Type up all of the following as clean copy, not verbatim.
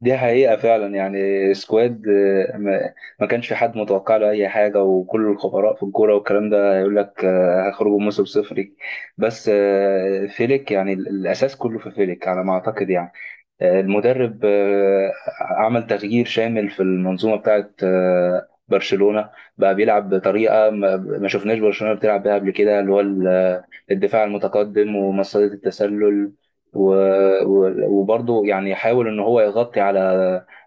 دي حقيقة فعلا يعني سكواد ما كانش في حد متوقع له أي حاجة، وكل الخبراء في الكورة والكلام ده يقول لك هيخرجوا موسم صفري. بس فيليك، يعني الأساس كله في فيليك على ما أعتقد. يعني المدرب عمل تغيير شامل في المنظومة بتاعت برشلونة، بقى بيلعب بطريقة ما شفناش برشلونة بتلعب بيها قبل كده، اللي هو الدفاع المتقدم ومصيدة التسلل. وبرضه يعني يحاول ان هو يغطي على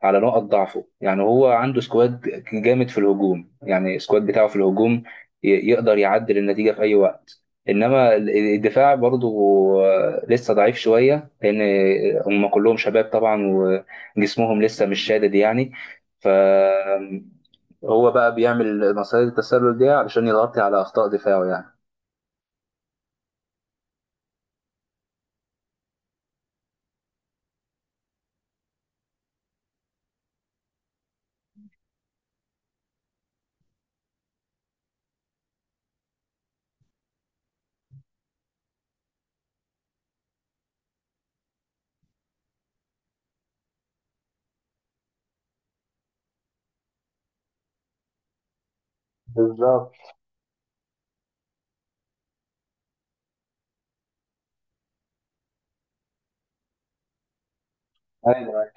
على نقط ضعفه. يعني هو عنده سكواد جامد في الهجوم، يعني السكواد بتاعه في الهجوم يقدر يعدل النتيجة في اي وقت. انما الدفاع برضه لسه ضعيف شوية، لأن هم كلهم شباب طبعا وجسمهم لسه مش شادد، يعني فهو بقى بيعمل مصيدة التسلل دي علشان يغطي على أخطاء دفاعه يعني. بالظبط. ايوه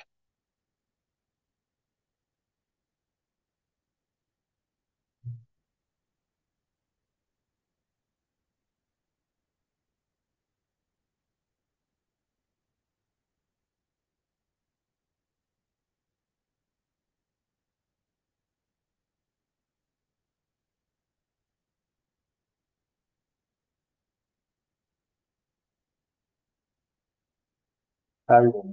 ايوه.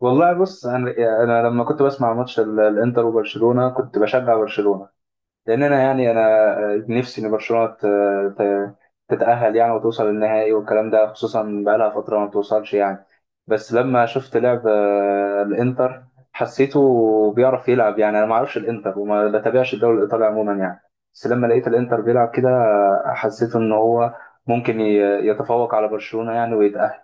والله بص، انا لما كنت بسمع ماتش الانتر وبرشلونه كنت بشجع برشلونه، لان انا يعني انا نفسي ان برشلونه ت- تتاهل يعني وتوصل للنهائي والكلام ده، خصوصا بقالها فتره ما بتوصلش يعني. بس لما شفت لعب الانتر حسيته بيعرف يلعب، يعني انا ما اعرفش الانتر وما بتابعش الدوري الايطالي عموما يعني. بس لما لقيت الانتر بيلعب كده حسيت ان هو ممكن يتفوق على برشلونه يعني، ويتاهل.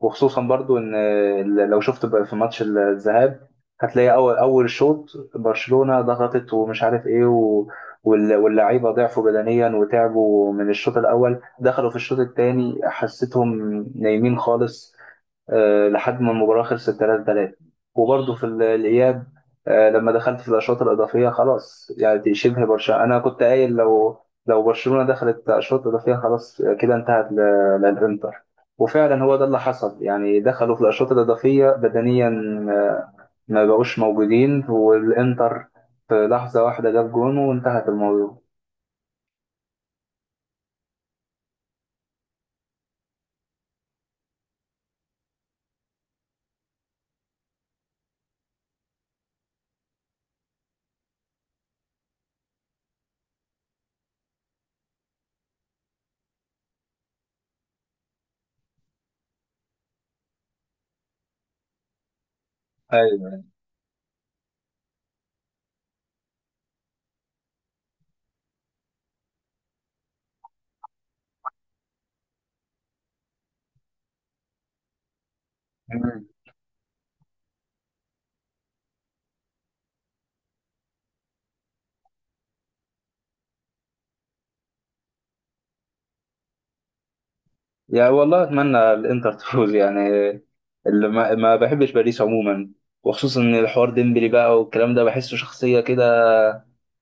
وخصوصا برضو ان لو شفت بقى في ماتش الذهاب هتلاقي اول اول شوط برشلونة ضغطت ومش عارف ايه واللعيبه ضعفوا بدنيا وتعبوا من الشوط الاول، دخلوا في الشوط الثاني حسيتهم نايمين خالص لحد ما المباراة خلصت 3-3. وبرضه في الإياب لما دخلت في الأشواط الإضافية خلاص يعني، دي شبه برشلونة، أنا كنت قايل لو برشلونة دخلت أشواط إضافية خلاص كده انتهت للإنتر. وفعلا هو ده اللي حصل، يعني دخلوا في الأشواط الإضافية بدنيا آه، ما بقوش موجودين، والإنتر في لحظة واحدة جاب جون وانتهت الموضوع. ايوه يعني والله اتمنى الانتر تفوز يعني، اللي ما بحبش باريس عموما، وخصوصا ان الحوار ديمبلي بقى والكلام ده بحسه شخصيه كده،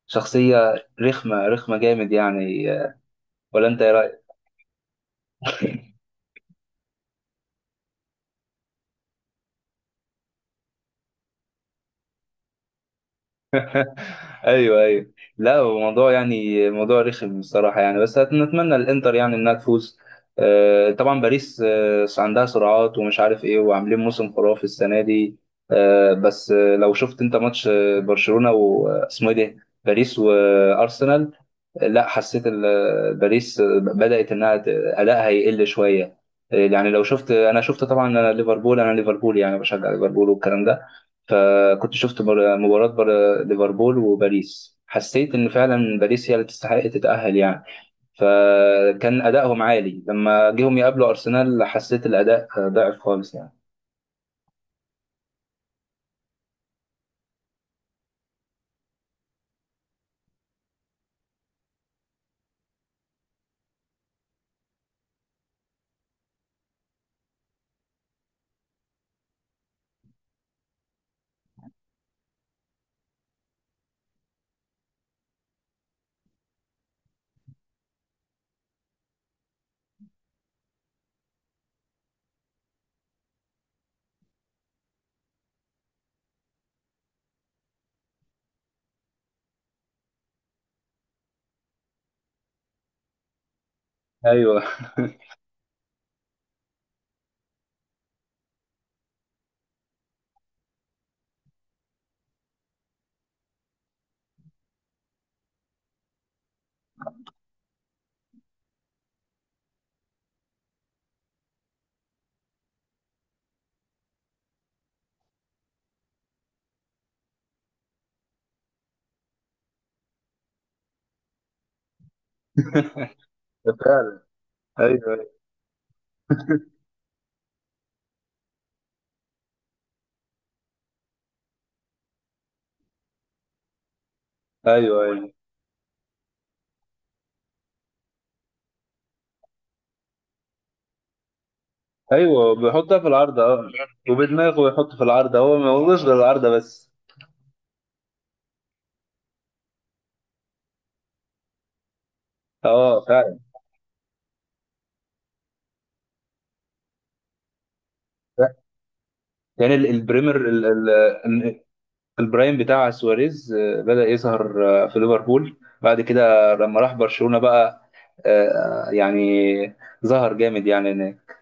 شخصيه رخمه جامد يعني. ولا انت ايه رايك؟ ايوه ايوه. لا هو موضوع يعني موضوع رخم الصراحه يعني، بس نتمنى الانتر يعني انها تفوز. طبعا باريس عندها سرعات ومش عارف ايه، وعاملين موسم خرافي السنه دي. بس لو شفت انت ماتش برشلونه واسمه ايه ده، باريس وارسنال. لا حسيت باريس بدأت انها ادائها يقل شويه. يعني لو شفت، انا شفت طبعا، انا ليفربول، انا ليفربول يعني بشجع ليفربول والكلام ده. فكنت شفت مباراه ليفربول وباريس، حسيت ان فعلا باريس هي اللي تستحق تتأهل يعني. فكان ادائهم عالي، لما جيهم يقابلوا ارسنال حسيت الاداء ضعف خالص يعني. ايوه فعلا. ايوه ايوه ايوه ايوه. بيحطها في العارضه، اه. وبدماغه يحط في العارضه، هو ما هوش غير العارضه بس. اه فعلا. كان البريمر ال- البرايم بتاع سواريز بدأ يظهر في ليفربول، بعد كده لما راح برشلونة بقى يعني ظهر جامد يعني هناك.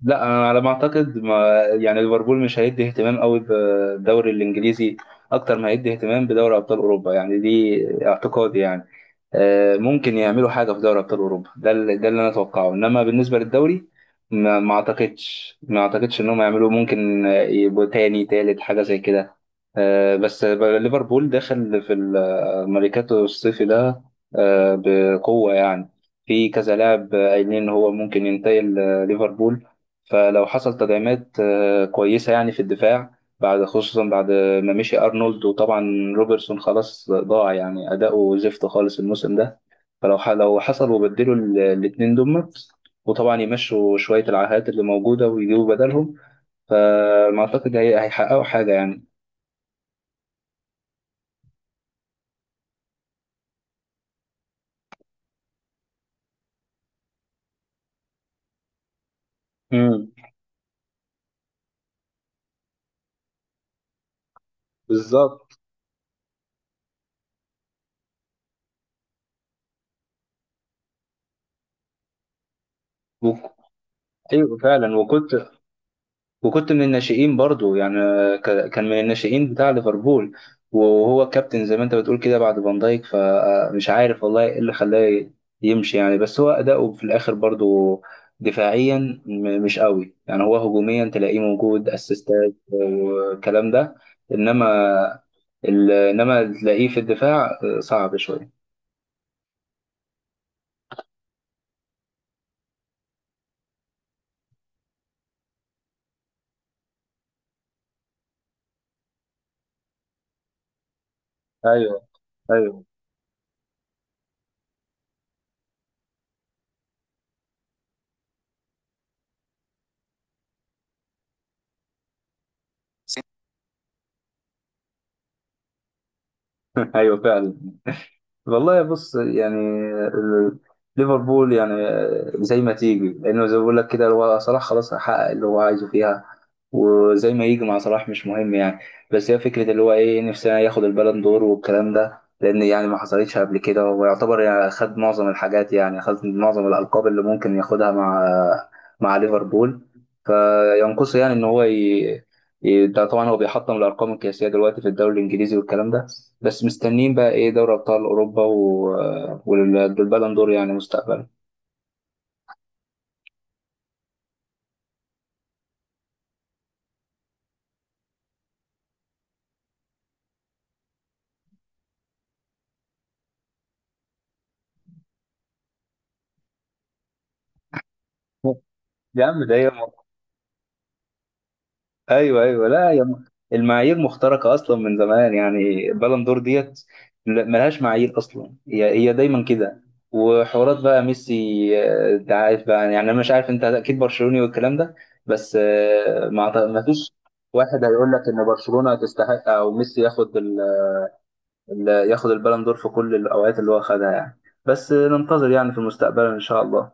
لا أنا على ما اعتقد ما يعني ليفربول مش هيدي اهتمام قوي بالدوري الانجليزي اكتر ما هيدي اهتمام بدوري ابطال اوروبا، يعني دي اعتقادي يعني. ممكن يعملوا حاجه في دوري ابطال اوروبا، ده اللي انا اتوقعه، انما بالنسبه للدوري ما اعتقدش انهم يعملوا. ممكن يبقوا تاني تالت حاجه زي كده. بس ليفربول داخل في الميركاتو الصيفي ده بقوه يعني، في كذا لاعب قايلين ان هو ممكن ينتقل ليفربول. فلو حصل تدعيمات كويسة يعني في الدفاع، بعد خصوصا بعد ما مشي أرنولد، وطبعا روبرتسون خلاص ضاع يعني أداؤه زفت خالص الموسم ده. لو حصل وبدلوا الاتنين دمت، وطبعا يمشوا شوية العاهات اللي موجودة ويجيبوا بدلهم، فما أعتقد هيحققوا حاجة يعني. امم بالظبط. و- أيوه فعلا، وكنت من الناشئين برضو يعني. كان من الناشئين بتاع ليفربول وهو كابتن زي ما انت بتقول كده بعد فان دايك. فمش عارف والله ايه اللي خلاه يمشي يعني، بس هو أداؤه في الآخر برضو دفاعيا مش قوي، يعني هو هجوميا تلاقيه موجود اسيستات والكلام ده، انما انما تلاقيه في الدفاع صعب شوية. ايوه ايوه. ايوه فعلا. والله بص يعني ال- ليفربول يعني زي ما تيجي، لانه زي ما بقول لك كده، هو صلاح خلاص حقق اللي هو عايزه فيها، وزي ما يجي مع صلاح مش مهم يعني. بس هي فكره اللي هو ايه، نفسنا ياخد البالون دور والكلام ده، لان يعني ما حصلتش قبل كده، ويعتبر يعني خد معظم الحاجات، يعني خد معظم الالقاب اللي ممكن ياخدها مع ليفربول، فينقصه يعني ان هو إيه ده. طبعا هو بيحطم الارقام القياسيه دلوقتي في الدوري الانجليزي والكلام ده، بس مستنيين بقى ايه، دوري ابطال اوروبا والبالون دور يعني مستقبلا. يا عم ده هي م- ايوه ايوه. لا، المعايير مخترقه اصلا من زمان، يعني البالون دور ديت ملهاش معايير اصلا، هي هي دايما كده وحوارات بقى ميسي. انت عارف بقى، يعني انا مش عارف انت اكيد برشلوني والكلام ده، بس ما فيش واحد هيقول لك ان برشلونه تستحق او ميسي ياخد اللي ياخد البالون دور في كل الاوقات اللي هو خدها يعني. بس ننتظر يعني في المستقبل ان شاء الله.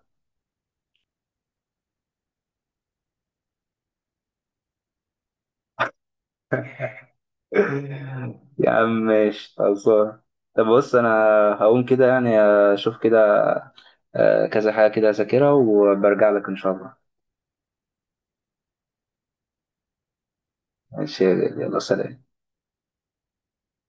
يا عم ماشي خلصان. طب بص انا هقوم كده يعني، اشوف كده كذا حاجة كده اذاكرها وبرجع لك ان شاء الله. ماشي. يلا سلام.